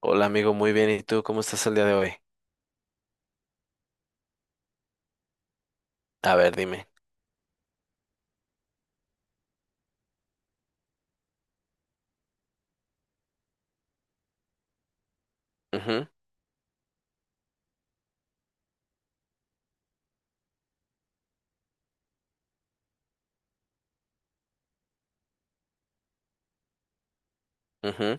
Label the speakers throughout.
Speaker 1: Hola amigo, muy bien. ¿Y tú cómo estás el día de hoy? A ver, dime. Ujú, ujú.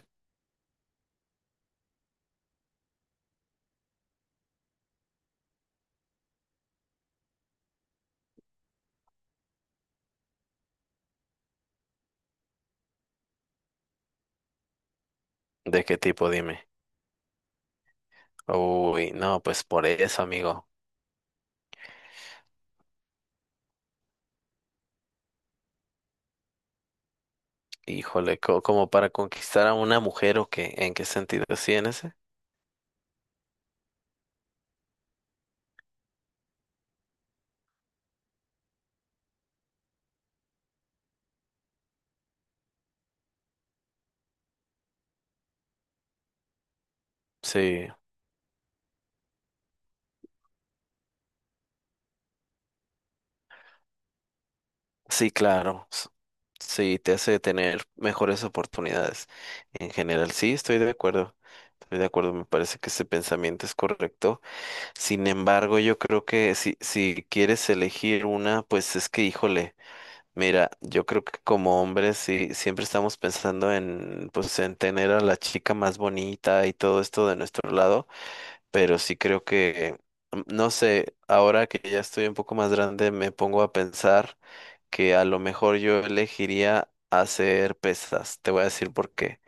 Speaker 1: ¿De qué tipo? Dime. Uy, no, pues por eso, amigo. Híjole, como para conquistar a una mujer o qué, ¿en qué sentido? ¿Sí, en ese? Sí, sí, claro. S- Sí, te hace tener mejores oportunidades. En general, sí, estoy de acuerdo. Estoy de acuerdo, me parece que ese pensamiento es correcto. Sin embargo, yo creo que si quieres elegir una, pues es que, híjole. Mira, yo creo que como hombres sí, siempre estamos pensando en, pues, en tener a la chica más bonita y todo esto de nuestro lado, pero sí creo que, no sé, ahora que ya estoy un poco más grande, me pongo a pensar que a lo mejor yo elegiría hacer pesas. Te voy a decir por qué.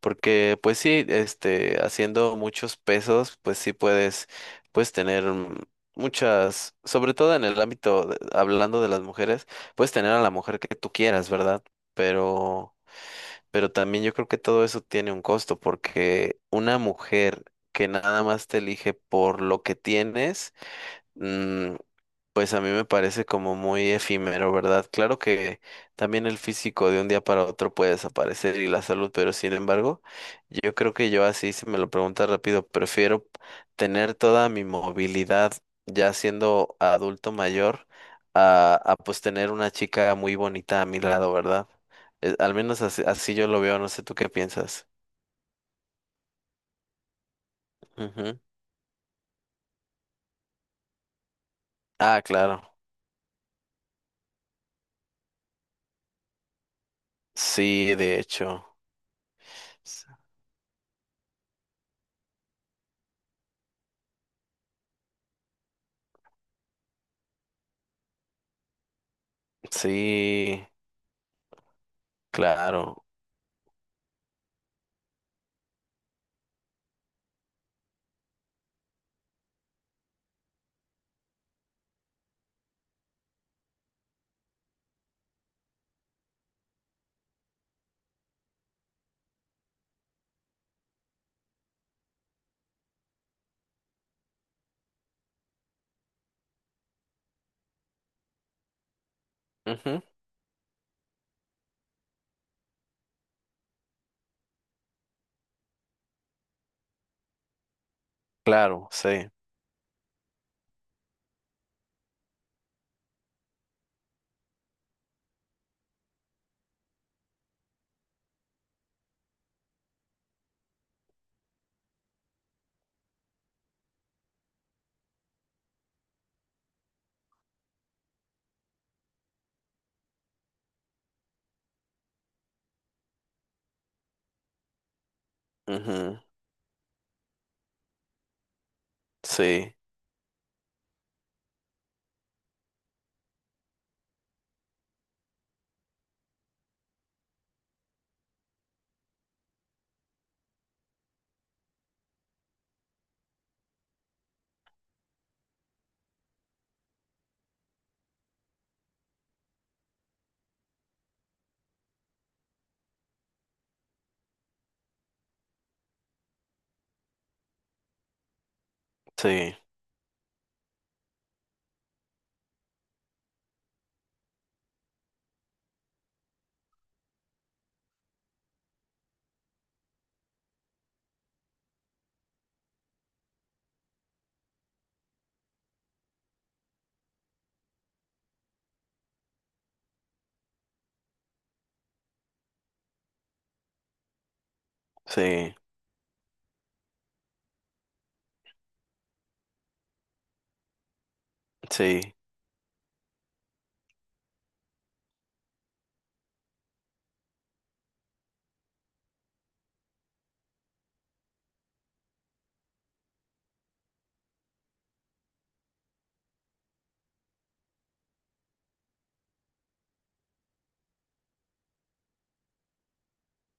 Speaker 1: Porque pues sí, este, haciendo muchos pesos, pues sí puedes, puedes tener muchas, sobre todo en el ámbito, hablando de las mujeres, puedes tener a la mujer que tú quieras, ¿verdad? Pero, pero también yo creo que todo eso tiene un costo, porque una mujer que nada más te elige por lo que tienes, mm, pues a mí me parece como muy efímero, ¿verdad? Claro que también el físico de un día para otro puede desaparecer y la salud, pero sin embargo, yo creo que yo así, si me lo preguntas rápido, prefiero tener toda mi movilidad ya siendo adulto mayor a pues tener una chica muy bonita a mi lado, ¿verdad? Al menos así, así yo lo veo, no sé tú qué piensas. Ujú. Ah, claro. Sí, de hecho. S- Sí, claro. Ujú. Claro, sí. Ujú, sí, sí, sí, sí.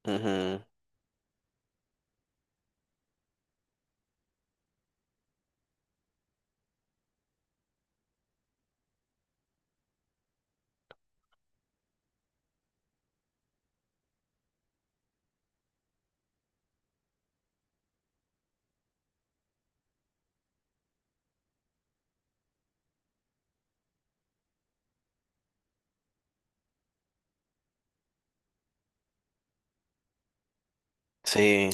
Speaker 1: Ujú, sí,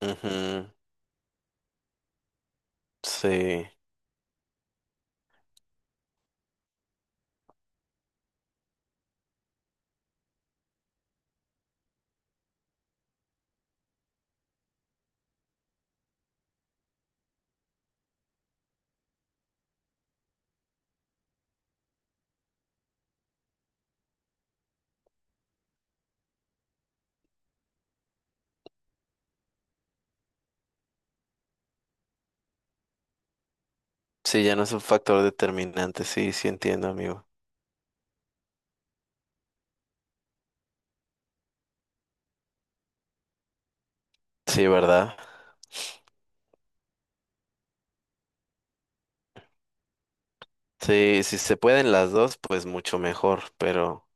Speaker 1: ujú, sí. Sí, ya no es un factor determinante. Sí, sí entiendo, amigo. Sí, ¿verdad? Sí, si se pueden las dos, pues mucho mejor. Pero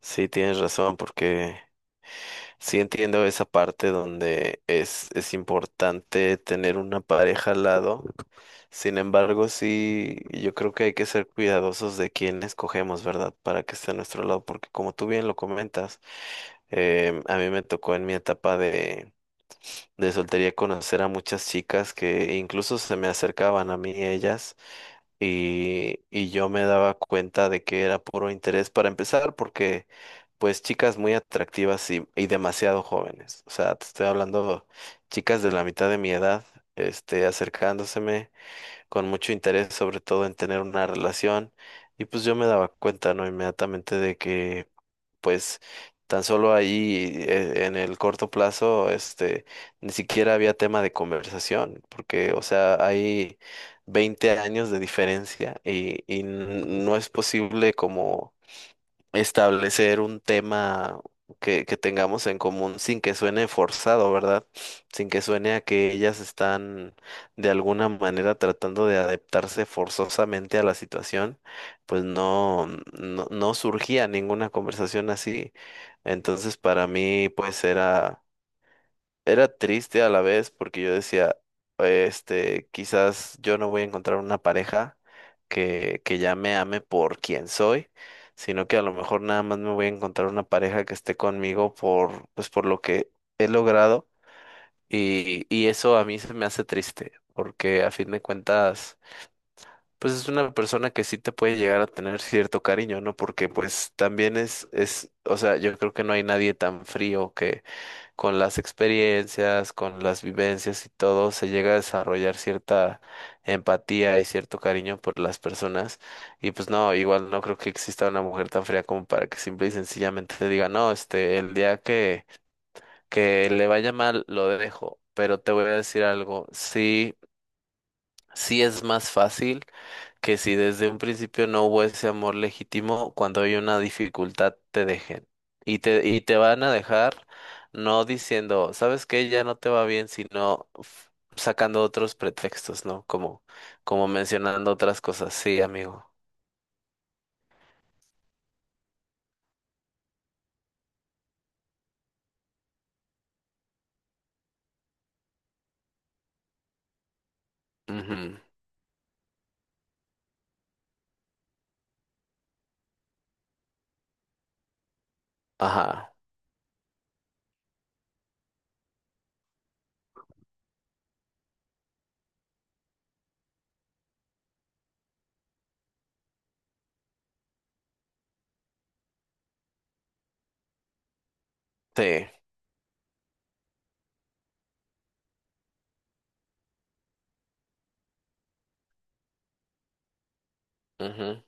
Speaker 1: sí tienes razón, porque sí entiendo esa parte donde es importante tener una pareja al lado. Sin embargo, sí, yo creo que hay que ser cuidadosos de quién escogemos, ¿verdad? Para que esté a nuestro lado, porque como tú bien lo comentas, a mí me tocó en mi etapa de soltería conocer a muchas chicas que incluso se me acercaban a mí ellas y yo me daba cuenta de que era puro interés para empezar porque pues chicas muy atractivas y demasiado jóvenes. O sea, te estoy hablando chicas de la mitad de mi edad, este, acercándoseme con mucho interés sobre todo en tener una relación y pues yo me daba cuenta, ¿no? Inmediatamente de que pues tan solo ahí en el corto plazo, este, ni siquiera había tema de conversación, porque, o sea, hay 20 años de diferencia y no es posible como establecer un tema que tengamos en común sin que suene forzado, ¿verdad? Sin que suene a que ellas están de alguna manera tratando de adaptarse forzosamente a la situación, pues no, no, no surgía ninguna conversación así. Entonces, para mí, pues era triste a la vez porque yo decía, este, quizás yo no voy a encontrar una pareja que ya me ame por quien soy, sino que a lo mejor nada más me voy a encontrar una pareja que esté conmigo por, pues, por lo que he logrado y eso a mí se me hace triste porque a fin de cuentas pues es una persona que sí te puede llegar a tener cierto cariño, ¿no? Porque pues también es, o sea, yo creo que no hay nadie tan frío que con las experiencias, con las vivencias y todo, se llega a desarrollar cierta empatía y cierto cariño por las personas. Y pues no, igual no creo que exista una mujer tan fría como para que simple y sencillamente te diga, no, este, el día que le vaya mal, lo dejo. Pero te voy a decir algo, sí, sí es más fácil que si desde un principio no hubo ese amor legítimo, cuando hay una dificultad te dejen. Y te van a dejar no diciendo, ¿sabes qué? Ya no te va bien, sino sacando otros pretextos, ¿no? Como, como mencionando otras cosas. Sí, amigo. Ujú. Ajá. Sí. Ujú.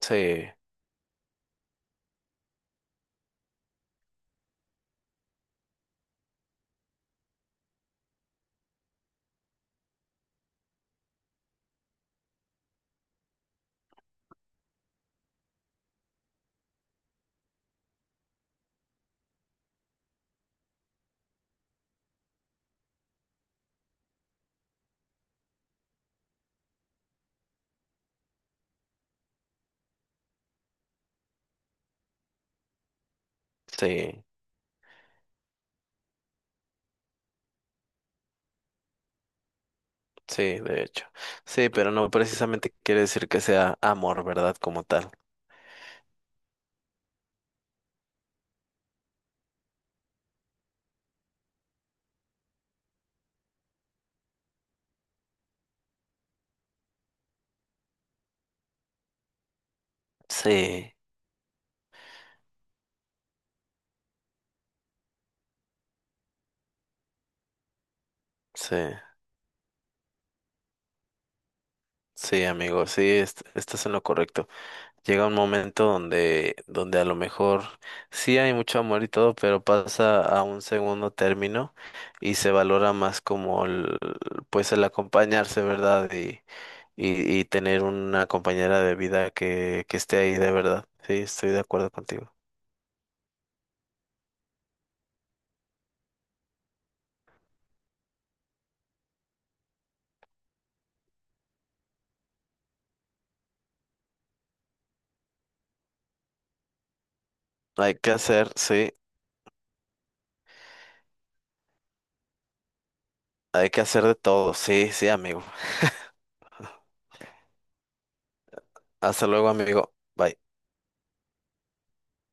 Speaker 1: Sí. Sí. Sí, de hecho. Sí, pero no precisamente quiere decir que sea amor, ¿verdad? Como tal. Sí. Sí. Sí, amigo, sí, estás en lo correcto. Llega un momento donde, donde a lo mejor sí hay mucho amor y todo, pero pasa a un segundo término y se valora más como el, pues el acompañarse, ¿verdad? Y, y tener una compañera de vida que esté ahí de verdad. Sí, estoy de acuerdo contigo. Hay que hacer, sí, hay que hacer de todo. Sí, sí, amigo. Hasta luego, amigo. Bye.